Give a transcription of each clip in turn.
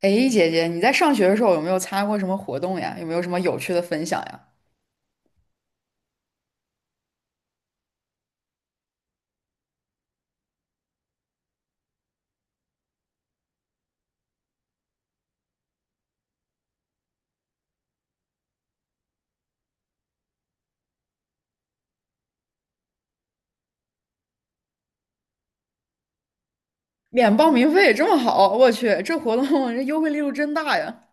哎，姐姐，你在上学的时候有没有参加过什么活动呀？有没有什么有趣的分享呀？免报名费这么好，我去，这活动这优惠力度真大呀！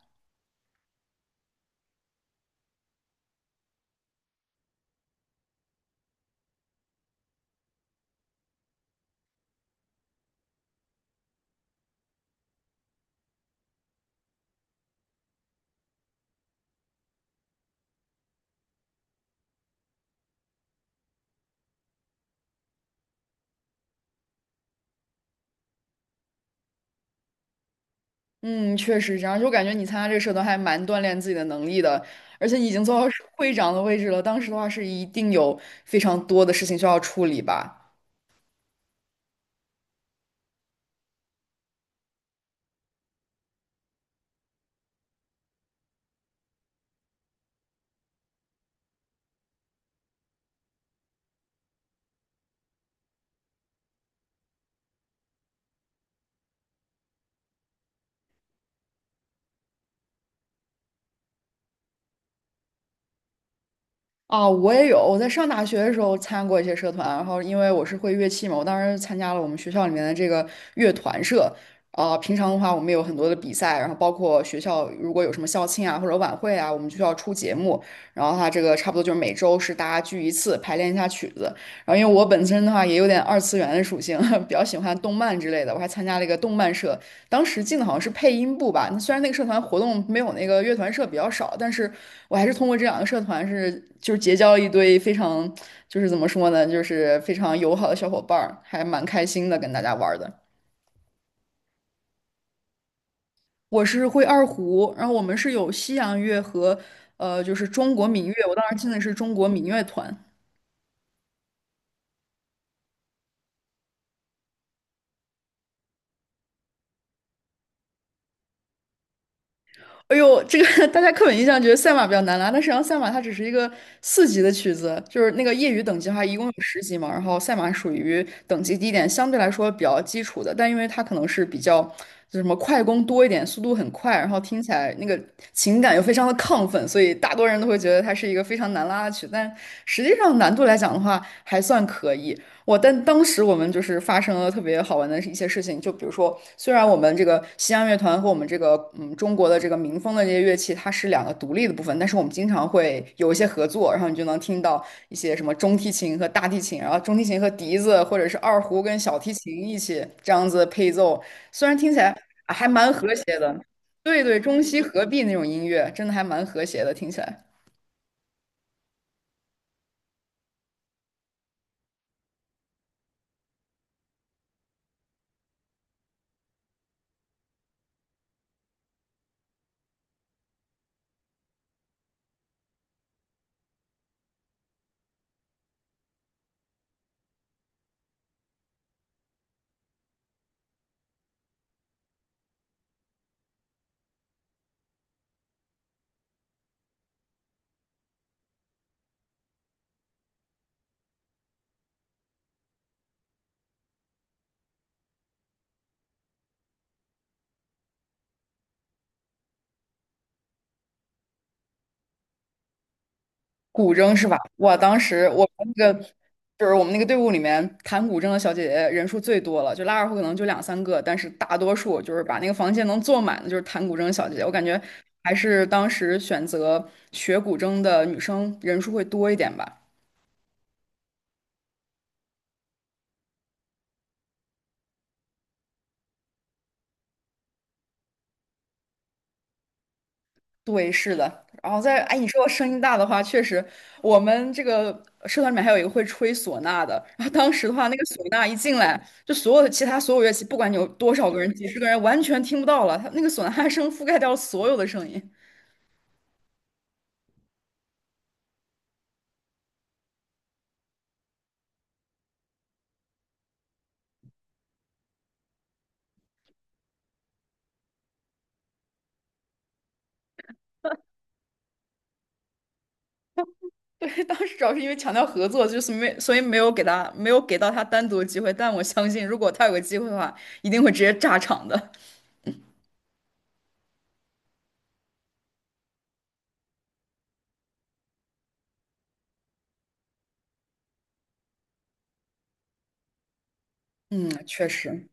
嗯，确实这样，就感觉你参加这个社团还蛮锻炼自己的能力的，而且你已经做到是会长的位置了。当时的话是一定有非常多的事情需要处理吧？啊，我也有。我在上大学的时候参加过一些社团，然后因为我是会乐器嘛，我当时参加了我们学校里面的这个乐团社。啊，平常的话，我们有很多的比赛，然后包括学校如果有什么校庆啊或者晚会啊，我们就需要出节目。然后它这个差不多就是每周是大家聚一次，排练一下曲子。然后因为我本身的话也有点二次元的属性，比较喜欢动漫之类的，我还参加了一个动漫社，当时进的好像是配音部吧，那虽然那个社团活动没有那个乐团社比较少，但是我还是通过这两个社团是就是结交了一堆非常就是怎么说呢，就是非常友好的小伙伴儿，还蛮开心的跟大家玩儿的。我是会二胡，然后我们是有西洋乐和就是中国民乐，我当时进的是中国民乐团。哎呦，这个 大家刻板印象觉得赛马比较难拉，但实际上赛马它只是一个4级的曲子，就是那个业余等级的话，一共有10级嘛。然后赛马属于等级低一点，相对来说比较基础的，但因为它可能是比较就什么快攻多一点，速度很快，然后听起来那个情感又非常的亢奋，所以大多人都会觉得它是一个非常难拉的曲。但实际上难度来讲的话，还算可以。但当时我们就是发生了特别好玩的一些事情，就比如说，虽然我们这个西洋乐团和我们这个嗯中国的这个民风的这些乐器，它是两个独立的部分，但是我们经常会有一些合作，然后你就能听到一些什么中提琴和大提琴，然后中提琴和笛子或者是二胡跟小提琴一起这样子配奏，虽然听起来啊还蛮和谐的，对对，中西合璧那种音乐，真的还蛮和谐的，听起来。古筝是吧？哇，当时我们那个就是我们那个队伍里面弹古筝的小姐姐人数最多了，就拉二胡可能就两三个，但是大多数就是把那个房间能坐满的，就是弹古筝的小姐姐。我感觉还是当时选择学古筝的女生人数会多一点吧。对，是的。然后哎，你说声音大的话，确实，我们这个社团里面还有一个会吹唢呐的。然后当时的话，那个唢呐一进来，就所有的其他所有乐器，不管你有多少个人，几十个人，完全听不到了。他那个唢呐声覆盖掉了所有的声音。对，当时主要是因为强调合作，就是没，所以没有给到他单独的机会。但我相信，如果他有个机会的话，一定会直接炸场的。嗯，确实。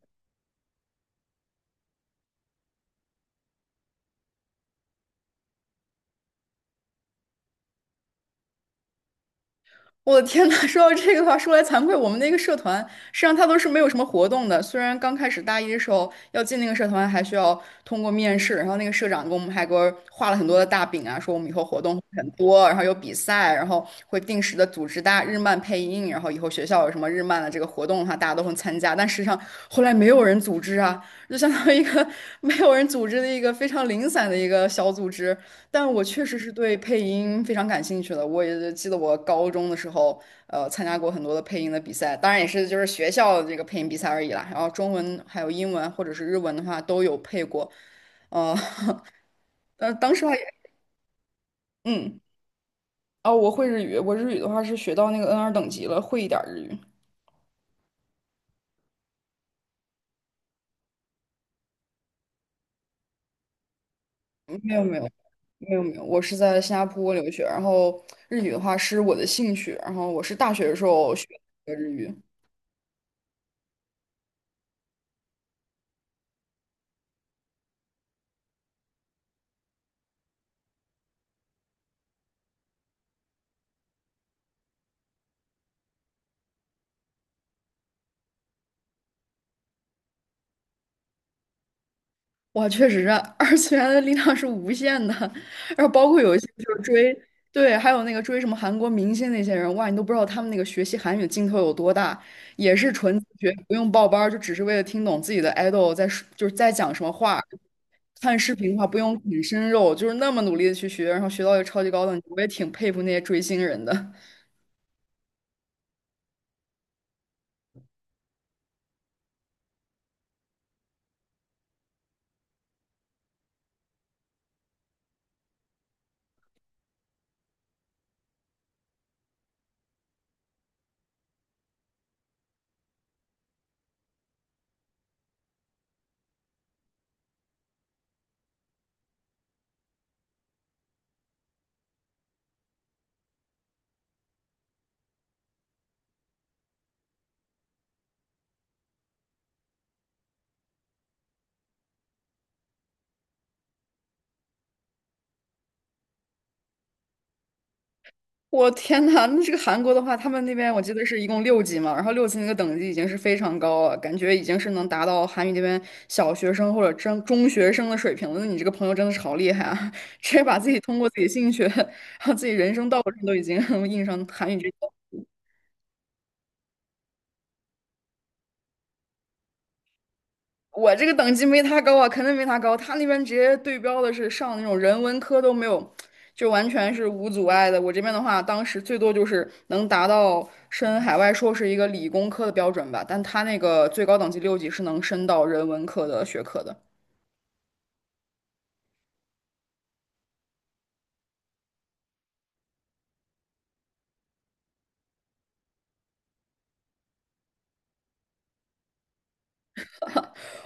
我的天呐，说到这个的话，说来惭愧，我们那个社团实际上它都是没有什么活动的。虽然刚开始大一的时候要进那个社团，还需要通过面试，然后那个社长给我们还给我画了很多的大饼啊，说我们以后活动会很多，然后有比赛，然后会定时的组织大家日漫配音，然后以后学校有什么日漫的这个活动的话，大家都会参加。但实际上后来没有人组织啊，就相当于一个 没有人组织的一个非常零散的一个小组织。但我确实是对配音非常感兴趣的。我也记得我高中的时候，参加过很多的配音的比赛，当然也是就是学校这个配音比赛而已啦。然后中文还有英文或者是日文的话都有配过，呃，但当时话也嗯，哦，我会日语，我日语的话是学到那个 N2等级了，会一点儿日语。没有没有没有没有，我是在新加坡留学，然后日语的话是我的兴趣，然后我是大学的时候学的日语。哇，确实是二次元的力量是无限的，然后包括有一些就是追，对，还有那个追什么韩国明星那些人，哇，你都不知道他们那个学习韩语的劲头有多大，也是纯自学，不用报班儿就只是为了听懂自己的 idol 在说就是在讲什么话，看视频的话不用啃生肉，就是那么努力的去学，然后学到一个超级高等级，我也挺佩服那些追星人的。我天呐，那这个韩国的话，他们那边我记得是一共六级嘛，然后六级那个等级已经是非常高了，感觉已经是能达到韩语这边小学生或者中学生的水平了。那你这个朋友真的是好厉害啊，直接把自己通过自己兴趣，然后自己人生道路上都已经 印上韩语这。我这个等级没他高啊，肯定没他高。他那边直接对标的是上那种人文科都没有，就完全是无阻碍的。我这边的话，当时最多就是能达到申海外硕士一个理工科的标准吧，但他那个最高等级六级是能升到人文科的学科的。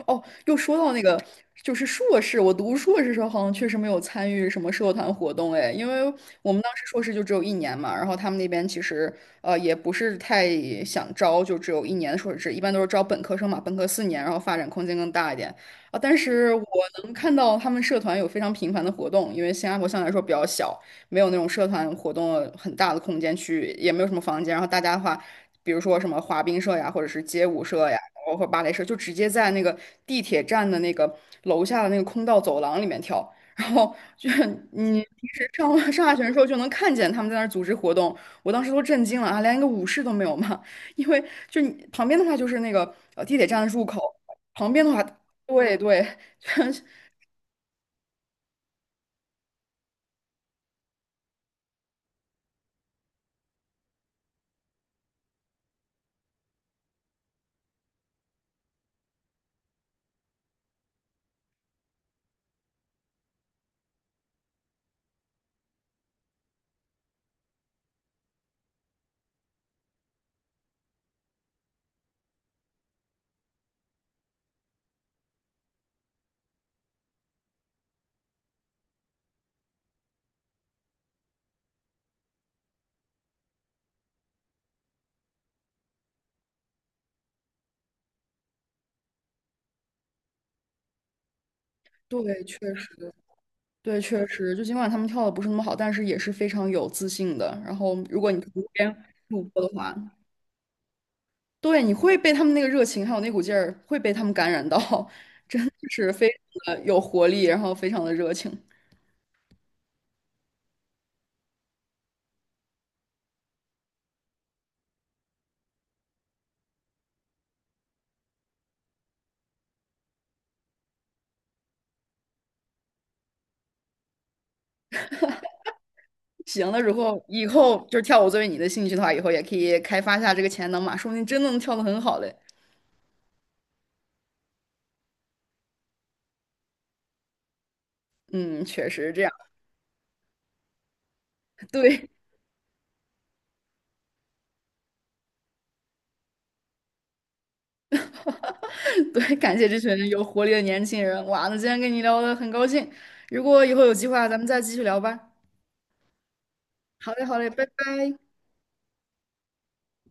哦，又说到那个，就是硕士，我读硕士时候好像确实没有参与什么社团活动，哎，因为我们当时硕士就只有一年嘛，然后他们那边其实也不是太想招，就只有一年的硕士制，一般都是招本科生嘛，本科4年，然后发展空间更大一点啊。但是我能看到他们社团有非常频繁的活动，因为新加坡相对来说比较小，没有那种社团活动很大的空间去，也没有什么房间，然后大家的话。比如说什么滑冰社呀，或者是街舞社呀，包括芭蕾社，就直接在那个地铁站的那个楼下的那个空道走廊里面跳。然后就是你平时上下学的时候就能看见他们在那儿组织活动，我当时都震惊了啊，连一个舞室都没有嘛！因为就你旁边的话就是那个地铁站的入口，旁边的话，对对，确对，确实。对，确实，就尽管他们跳的不是那么好，但是也是非常有自信的。然后，如果你旁边路过的话，对，你会被他们那个热情还有那股劲儿，会被他们感染到，真的是非常的有活力，然后非常的热情。行了，如果以后就是跳舞作为你的兴趣的话，以后也可以开发一下这个潜能嘛，说不定真的能跳得很好嘞。嗯，确实是这样。对 对，感谢这群有活力的年轻人。哇，那今天跟你聊的很高兴，如果以后有计划，咱们再继续聊吧。好嘞，好嘞，拜拜。